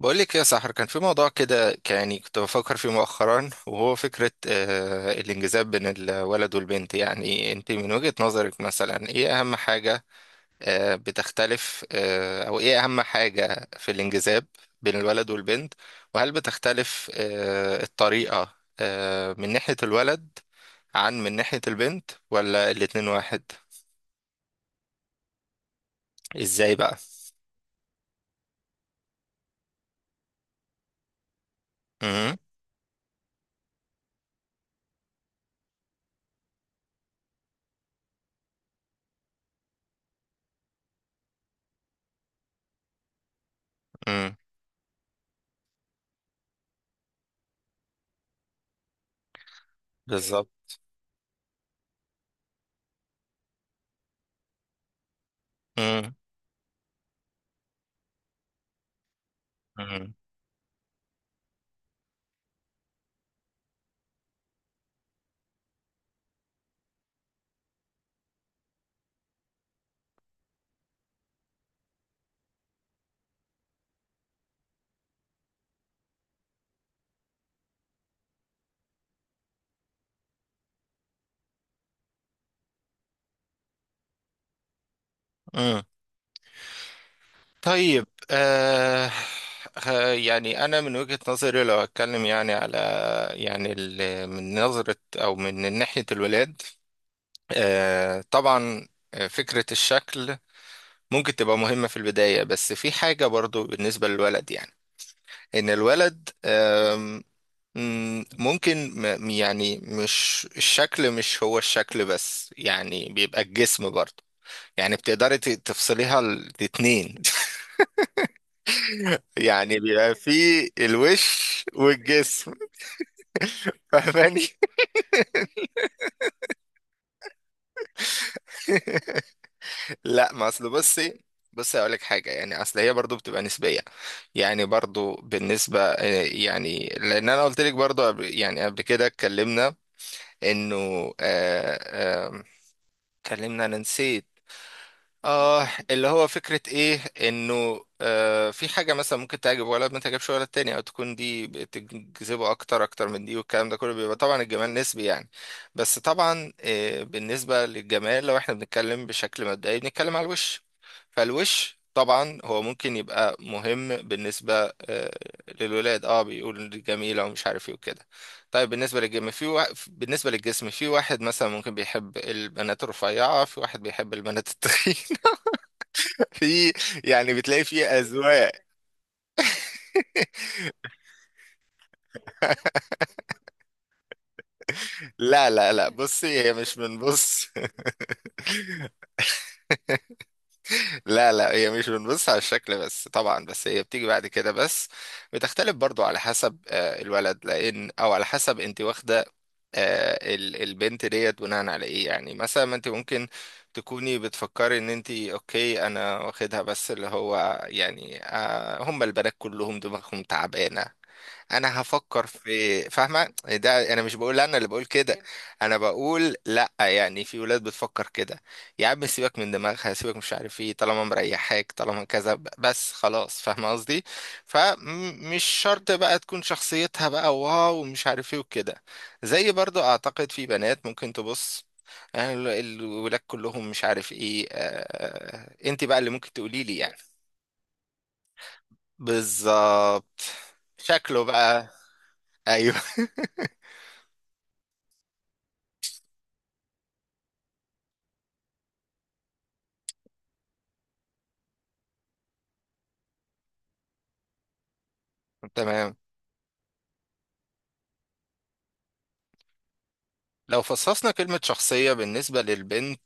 بقول لك يا سحر، كان في موضوع كده يعني كنت بفكر فيه مؤخرا، وهو فكرة الانجذاب بين الولد والبنت. يعني انت من وجهة نظرك مثلا ايه اهم حاجة بتختلف، او ايه اهم حاجة في الانجذاب بين الولد والبنت؟ وهل بتختلف الطريقة من ناحية الولد عن من ناحية البنت، ولا الاتنين واحد؟ ازاي بقى؟ امم. امم. بالظبط. امم. امم. طيب. يعني أنا من وجهة نظري، لو أتكلم يعني على يعني من نظرة أو من ناحية الولاد، آه طبعا، فكرة الشكل ممكن تبقى مهمة في البداية. بس في حاجة برضو بالنسبة للولد، يعني إن الولد مم، ممكن يعني مش هو الشكل بس، يعني بيبقى الجسم برضو. يعني بتقدري تفصليها الاتنين. يعني بيبقى في الوش والجسم. فاهماني؟ لا، ما اصل بصي، بصي اقول لك حاجه. يعني اصل هي برضو بتبقى نسبيه، يعني برضو بالنسبه يعني، لان انا قلت لك برضو يعني قبل كده اتكلمنا انه اتكلمنا، انا نسيت اه اللي هو فكرة ايه، انه آه في حاجة مثلا ممكن تعجب ولد ما تعجبش ولد تاني، او تكون دي بتجذبه اكتر اكتر من دي، والكلام ده كله بيبقى طبعا الجمال نسبي يعني. بس طبعا آه بالنسبة للجمال، لو احنا بنتكلم بشكل مبدئي بنتكلم على الوش. فالوش طبعا هو ممكن يبقى مهم بالنسبة للولاد، اه بيقول دي جميلة ومش عارف ايه وكده. طيب بالنسبة للجسم في بالنسبة للجسم في واحد مثلا ممكن بيحب البنات الرفيعة، في واحد بيحب البنات التخينة، في، يعني بتلاقي فيه أذواق. لا لا لا، بصي، هي مش بنبص. لا لا، هي مش بنبص على الشكل بس طبعا، بس هي بتيجي بعد كده. بس بتختلف برضو على حسب الولد، لأن أو على حسب أنت واخدة البنت ديت بناء على إيه. يعني مثلا ما أنت ممكن تكوني بتفكري ان انت اوكي، انا واخدها، بس اللي هو يعني هم البنات كلهم دماغهم تعبانه، انا هفكر في، فاهمه؟ ده انا مش بقول، انا اللي بقول كده. انا بقول لا، يعني في ولاد بتفكر كده، يا عم سيبك من دماغها، سيبك مش عارف ايه، طالما مريحاك طالما كذا بس خلاص، فاهمه قصدي. فمش شرط بقى تكون شخصيتها بقى واو ومش عارف ايه وكده. زي برضو اعتقد في بنات ممكن تبص، يعني الولاد كلهم مش عارف ايه. انت بقى اللي ممكن تقولي لي يعني. بالظبط. شكله بقى. ايوه. تمام. لو فصصنا كلمة شخصية بالنسبة للبنت،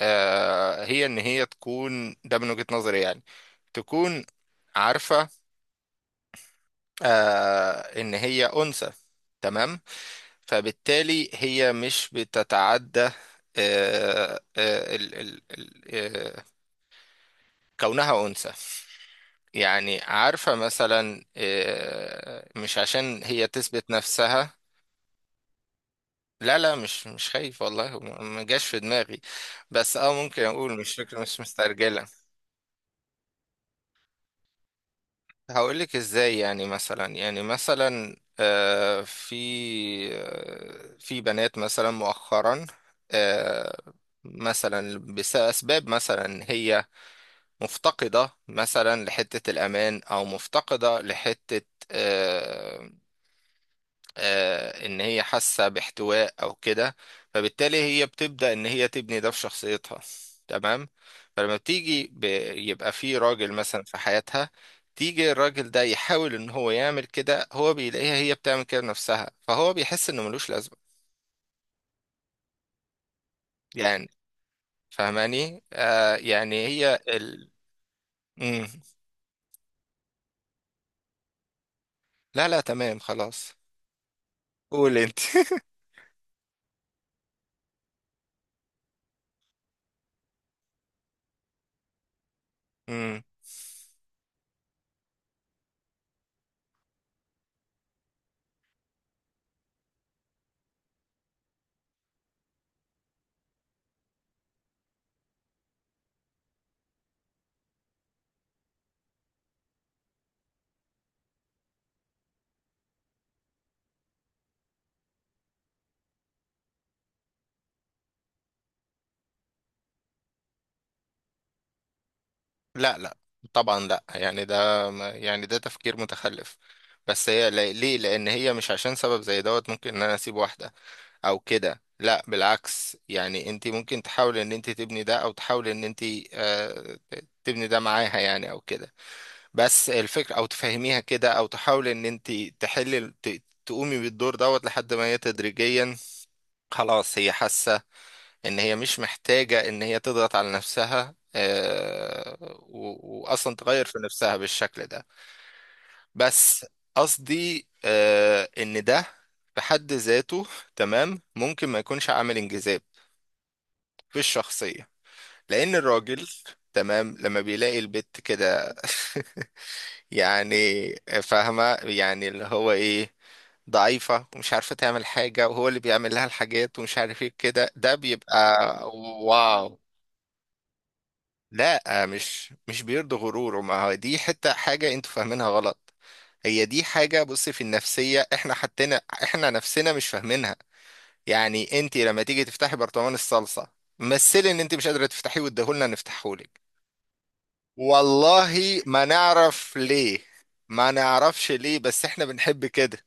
آه هي إن هي تكون ده من وجهة نظري يعني، تكون عارفة آه إن هي أنثى. تمام. فبالتالي هي مش بتتعدى آه آه ال ال ال آه كونها أنثى. يعني عارفة مثلا، مش عشان هي تثبت نفسها. لا لا، مش مش خايف، والله ما ما جاش في دماغي. بس اه ممكن اقول مش فكرة مش مسترجلة. هقول لك ازاي. يعني مثلا، يعني مثلا آه في، آه في بنات مثلا مؤخرا، آه مثلا بأسباب، مثلا هي مفتقدة مثلا لحتة الأمان، أو مفتقدة لحتة آه، ان هي حاسه باحتواء او كده. فبالتالي هي بتبدا ان هي تبني ده في شخصيتها. تمام. فلما يبقى في راجل مثلا في حياتها، تيجي الراجل ده يحاول ان هو يعمل كده، هو بيلاقيها هي بتعمل كده بنفسها، فهو بيحس انه ملوش لازمه. يعني فاهماني؟ آه يعني هي مم. لا لا تمام خلاص. قول انت. مم. لا لا، طبعا لا، يعني ده ما- يعني ده تفكير متخلف. بس هي ليه؟ لان هي مش عشان سبب زي دوت ممكن ان انا اسيب واحده او كده. لا بالعكس، يعني انت ممكن تحاولي ان انت تبني ده، او تحاولي ان انت تبني ده معاها يعني او كده. بس الفكره او تفهميها كده، او تحاولي ان انت تحلي تقومي بالدور دوت لحد ما هي تدريجيا خلاص هي حاسه ان هي مش محتاجة ان هي تضغط على نفسها، واصلا تغير في نفسها بالشكل ده. بس قصدي ان ده في حد ذاته، تمام، ممكن ما يكونش عامل انجذاب في الشخصية. لان الراجل، تمام، لما بيلاقي البت كده يعني، فاهمة يعني اللي هو ايه، ضعيفة ومش عارفة تعمل حاجة، وهو اللي بيعمل لها الحاجات ومش عارف ايه كده، ده بيبقى واو. لا مش مش بيرضي غروره. ما هو دي حتة حاجة انتوا فاهمينها غلط. هي دي حاجة، بص، في النفسية احنا حتنا احنا نفسنا مش فاهمينها. يعني انت لما تيجي تفتحي برطمان الصلصة مثلي، ان انت مش قادرة تفتحيه واديهولنا نفتحهولك، والله ما نعرف ليه، ما نعرفش ليه، بس احنا بنحب كده.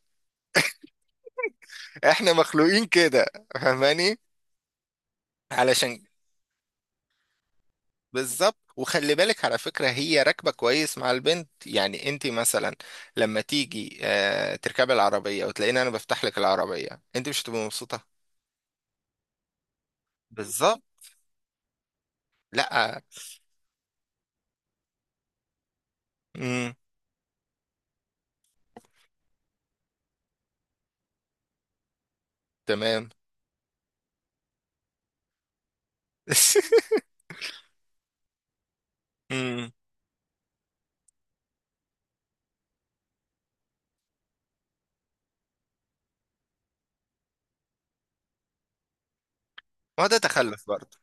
احنا مخلوقين كده، فاهماني، علشان. بالظبط، وخلي بالك على فكرة هي راكبة كويس مع البنت. يعني انت مثلا لما تيجي تركبي العربية وتلاقيني انا بفتح لك العربية، انت مش هتبقي مبسوطة. بالظبط. لا. امم. تمام. امم. ما هو ده تخلف برضه.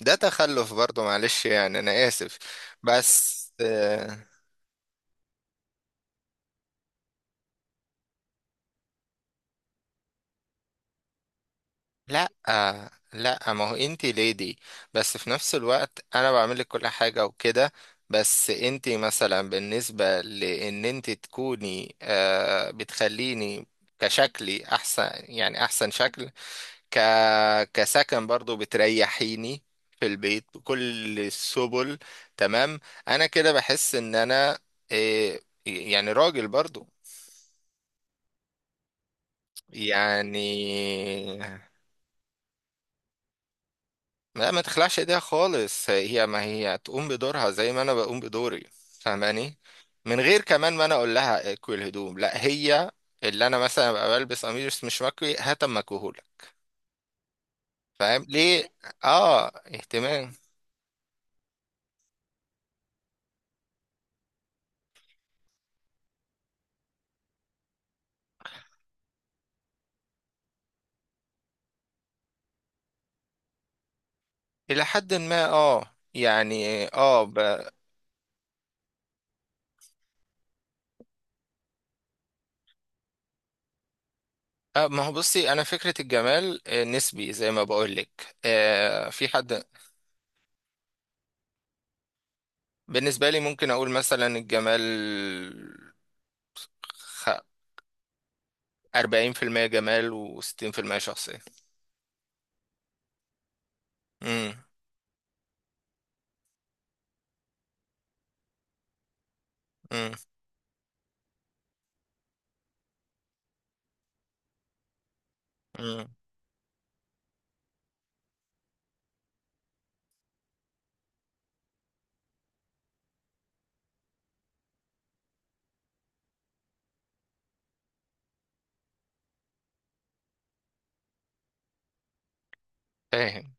ده تخلف برضه، معلش يعني انا اسف. بس لا لا، ما هو انتي ليدي، بس في نفس الوقت انا بعمل لك كل حاجة وكده. بس انتي مثلا بالنسبة لان انتي تكوني آه بتخليني كشكلي احسن، يعني احسن شكل، ك كسكن برضو بتريحيني في البيت بكل السبل. تمام، انا كده بحس ان انا آه يعني راجل برضو. يعني، لا ما تخلعش ايديها خالص، هي ما هي تقوم بدورها زي ما انا بقوم بدوري. فاهماني، من غير كمان ما انا اقول لها اكوي الهدوم، لا هي اللي انا مثلا ابقى بلبس قميص مش مكوي هات اما اكويهولك. فاهم ليه؟ اه اهتمام. الى حد ما اه يعني اه, آه ما هو بصي، انا فكرة الجمال نسبي زي ما بقول لك، آه في حد. بالنسبة لي ممكن اقول مثلا الجمال، خ- 40% جمال و60% شخصية. امم. امم. امم. فاهم.